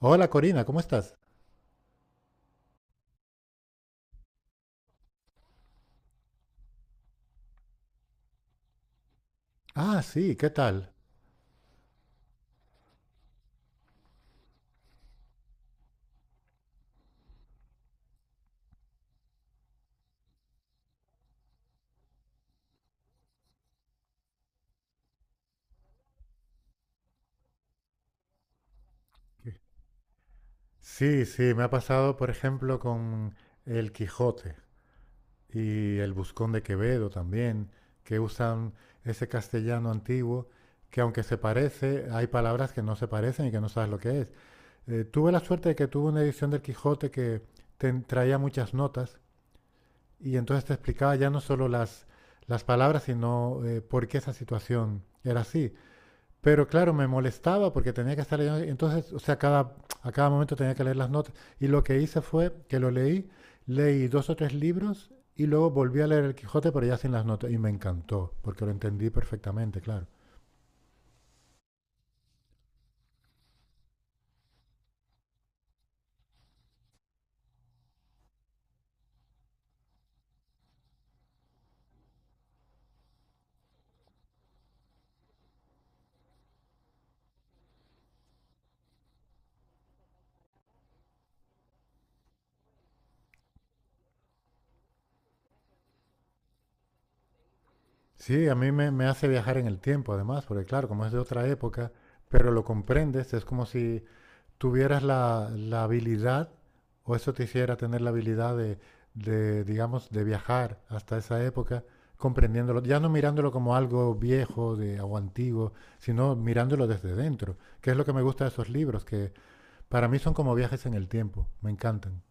Hola Corina, ¿cómo estás? Ah, sí, ¿qué tal? Sí, sí, me ha pasado, por ejemplo, con El Quijote y El Buscón de Quevedo también, que usan ese castellano antiguo, que aunque se parece, hay palabras que no se parecen y que no sabes lo que es. Tuve la suerte de que tuve una edición del Quijote que te traía muchas notas y entonces te explicaba ya no solo las palabras, sino por qué esa situación era así. Pero claro, me molestaba porque tenía que estar leyendo. Entonces, o sea, a cada momento tenía que leer las notas. Y lo que hice fue que lo leí, leí dos o tres libros y luego volví a leer El Quijote, pero ya sin las notas. Y me encantó, porque lo entendí perfectamente, claro. Sí, a me hace viajar en el tiempo, además, porque claro, como es de otra época, pero lo comprendes, es como si tuvieras la habilidad, o eso te hiciera tener la habilidad digamos, de viajar hasta esa época, comprendiéndolo, ya no mirándolo como algo viejo de, o antiguo, sino mirándolo desde dentro, que es lo que me gusta de esos libros, que para mí son como viajes en el tiempo, me encantan.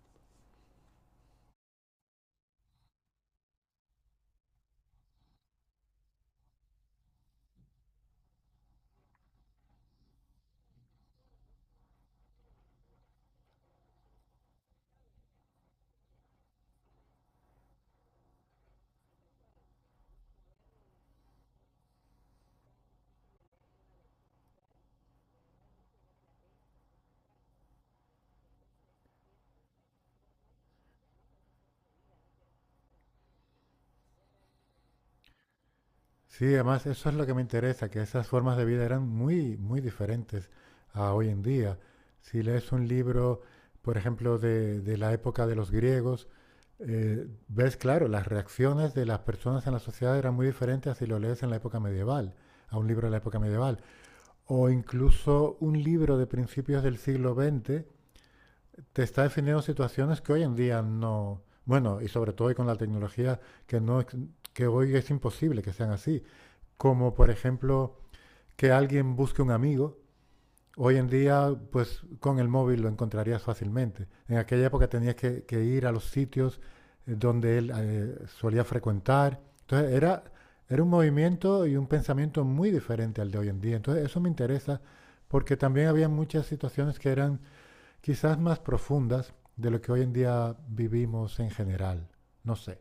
Sí, además eso es lo que me interesa, que esas formas de vida eran muy, muy diferentes a hoy en día. Si lees un libro, por ejemplo, de la época de los griegos, ves, claro, las reacciones de las personas en la sociedad eran muy diferentes a si lo lees en la época medieval, a un libro de la época medieval. O incluso un libro de principios del siglo XX te está definiendo situaciones que hoy en día no... Bueno, y sobre todo hoy con la tecnología, que, no, que hoy es imposible que sean así como por ejemplo que alguien busque un amigo. Hoy en día, pues con el móvil lo encontrarías fácilmente. En aquella época tenías que ir a los sitios donde él solía frecuentar. Entonces era, era un movimiento y un pensamiento muy diferente al de hoy en día. Entonces eso me interesa porque también había muchas situaciones que eran quizás más profundas de lo que hoy en día vivimos en general. No sé.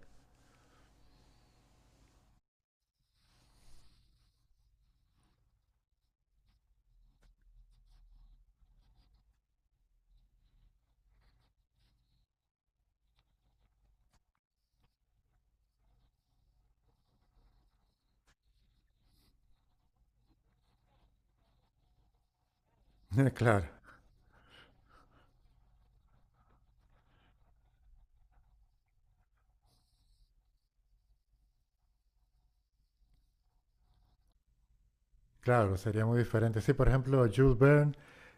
Claro, claro, sería muy diferente. Sí, por ejemplo, Jules Verne.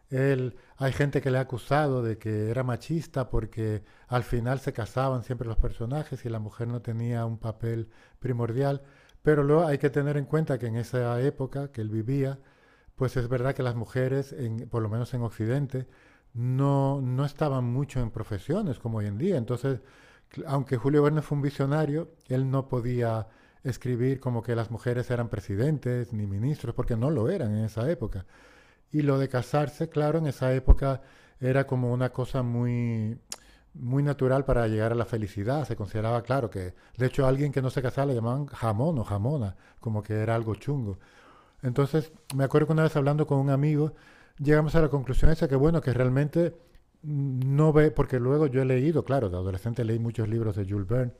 Él, hay gente que le ha acusado de que era machista porque al final se casaban siempre los personajes y la mujer no tenía un papel primordial. Pero luego hay que tener en cuenta que en esa época que él vivía, pues es verdad que las mujeres, por lo menos en Occidente, no, no estaban mucho en profesiones como hoy en día. Entonces, aunque Julio Verne fue un visionario, él no podía escribir como que las mujeres eran presidentes ni ministros, porque no lo eran en esa época. Y lo de casarse, claro, en esa época era como una cosa muy, muy natural para llegar a la felicidad. Se consideraba, claro, que de hecho a alguien que no se casaba le llamaban jamón o jamona, como que era algo chungo. Entonces, me acuerdo que una vez hablando con un amigo, llegamos a la conclusión esa que, bueno, que realmente no ve, porque luego yo he leído, claro, de adolescente leí muchos libros de Jules Verne,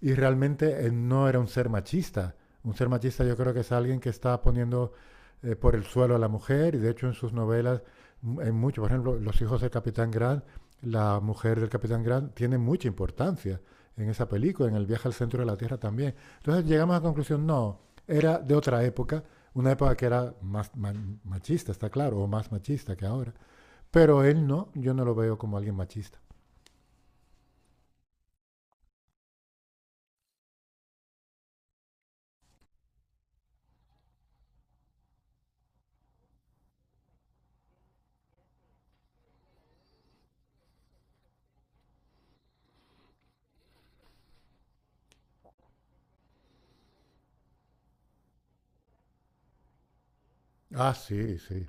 y realmente él no era un ser machista. Un ser machista yo creo que es alguien que está poniendo por el suelo a la mujer y de hecho en sus novelas, en mucho, por ejemplo, Los hijos del capitán Grant, la mujer del capitán Grant tiene mucha importancia en esa película, en el viaje al centro de la Tierra también. Entonces llegamos a la conclusión, no, era de otra época, una época que era más machista, está claro, o más machista que ahora. Pero él no, yo no lo veo como alguien machista. Ah, sí, sí.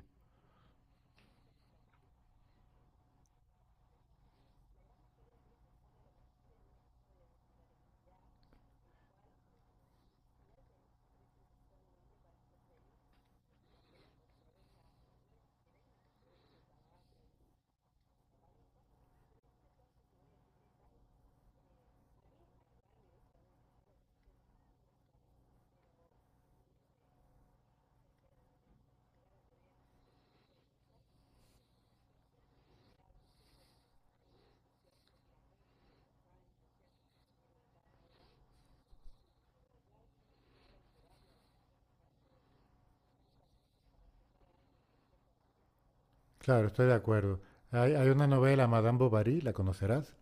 Claro, estoy de acuerdo. Hay una novela, Madame Bovary, ¿la conocerás?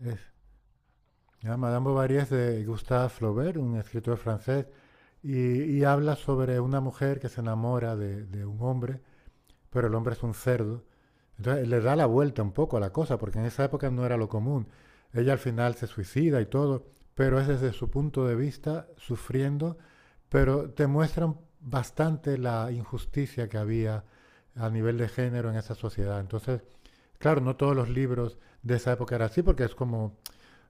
Es- ya, Madame Bovary es de Gustave Flaubert, un escritor francés, y habla sobre una mujer que se enamora de un hombre, pero el hombre es un cerdo. Entonces le da la vuelta un poco a la cosa, porque en esa época no era lo común. Ella al final se suicida y todo, pero es desde su punto de vista, sufriendo, pero te muestran bastante la injusticia que había a nivel de género en esa sociedad. Entonces claro, no todos los libros de esa época eran así, porque es como,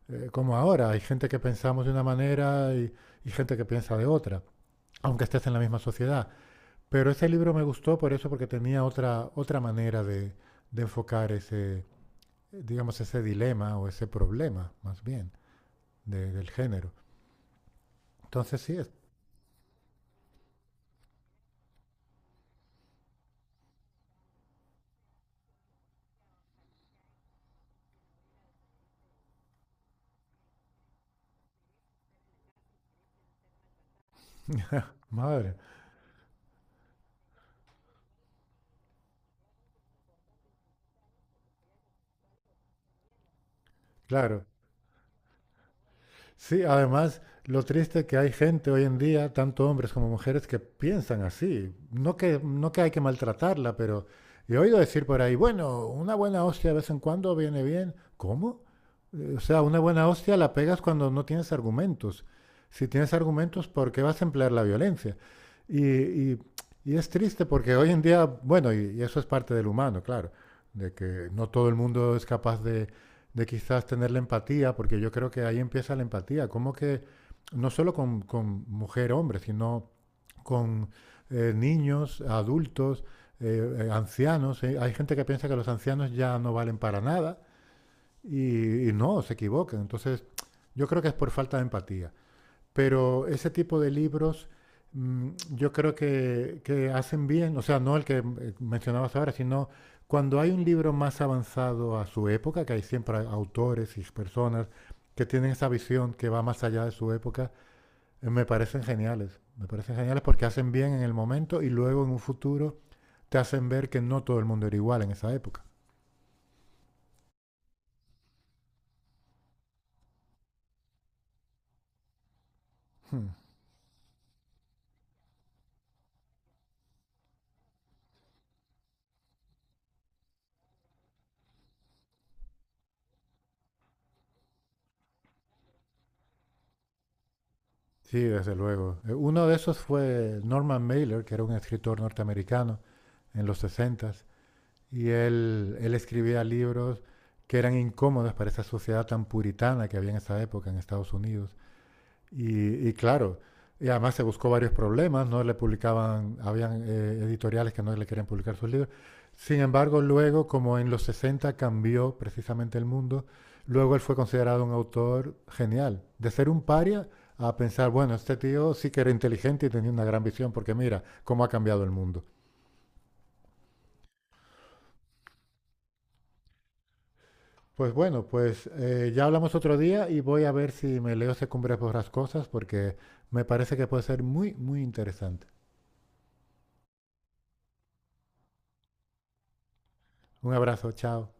como ahora. Hay gente que pensamos de una manera y gente que piensa de otra, aunque estés en la misma sociedad. Pero ese libro me gustó por eso, porque tenía otra manera de enfocar ese, digamos, ese dilema o ese problema, más bien, del género. Entonces sí, es, madre, claro. Sí, además, lo triste que hay gente hoy en día, tanto hombres como mujeres, que piensan así. No que hay que maltratarla, pero he oído decir por ahí, bueno, una buena hostia de vez en cuando viene bien. ¿Cómo? O sea, una buena hostia la pegas cuando no tienes argumentos. Si tienes argumentos, ¿por qué vas a emplear la violencia? Y, y- y es triste porque hoy en día, bueno, y eso es parte del humano, claro, de que no todo el mundo es capaz de quizás tener la empatía, porque yo creo que ahí empieza la empatía. ¿Cómo que no solo con mujer, hombre, sino con niños, adultos, ancianos? ¿Eh? Hay gente que piensa que los ancianos ya no valen para nada y no, se equivocan. Entonces, yo creo que es por falta de empatía. Pero ese tipo de libros mm, yo creo que hacen bien, o sea, no el que mencionabas ahora, sino cuando hay un libro más avanzado a su época, que hay siempre autores y personas que tienen esa visión que va más allá de su época, me parecen geniales. Me parecen geniales porque hacen bien en el momento y luego en un futuro te hacen ver que no todo el mundo era igual en esa época. Hmm. Sí, desde luego. Uno de esos fue Norman Mailer, que era un escritor norteamericano en los 60. Él escribía libros que eran incómodos para esa sociedad tan puritana que había en esa época en Estados Unidos. Claro, y además se buscó varios problemas, no le publicaban, habían editoriales que no le querían publicar sus libros. Sin embargo, luego, como en los 60 cambió precisamente el mundo, luego él fue considerado un autor genial. De ser un paria a pensar, bueno, este tío sí que era inteligente y tenía una gran visión, porque mira cómo ha cambiado el mundo. Pues bueno, pues ya hablamos otro día y voy a ver si me leo Cumbres Borrascosas porque me parece que puede ser muy, muy interesante. Un abrazo, chao.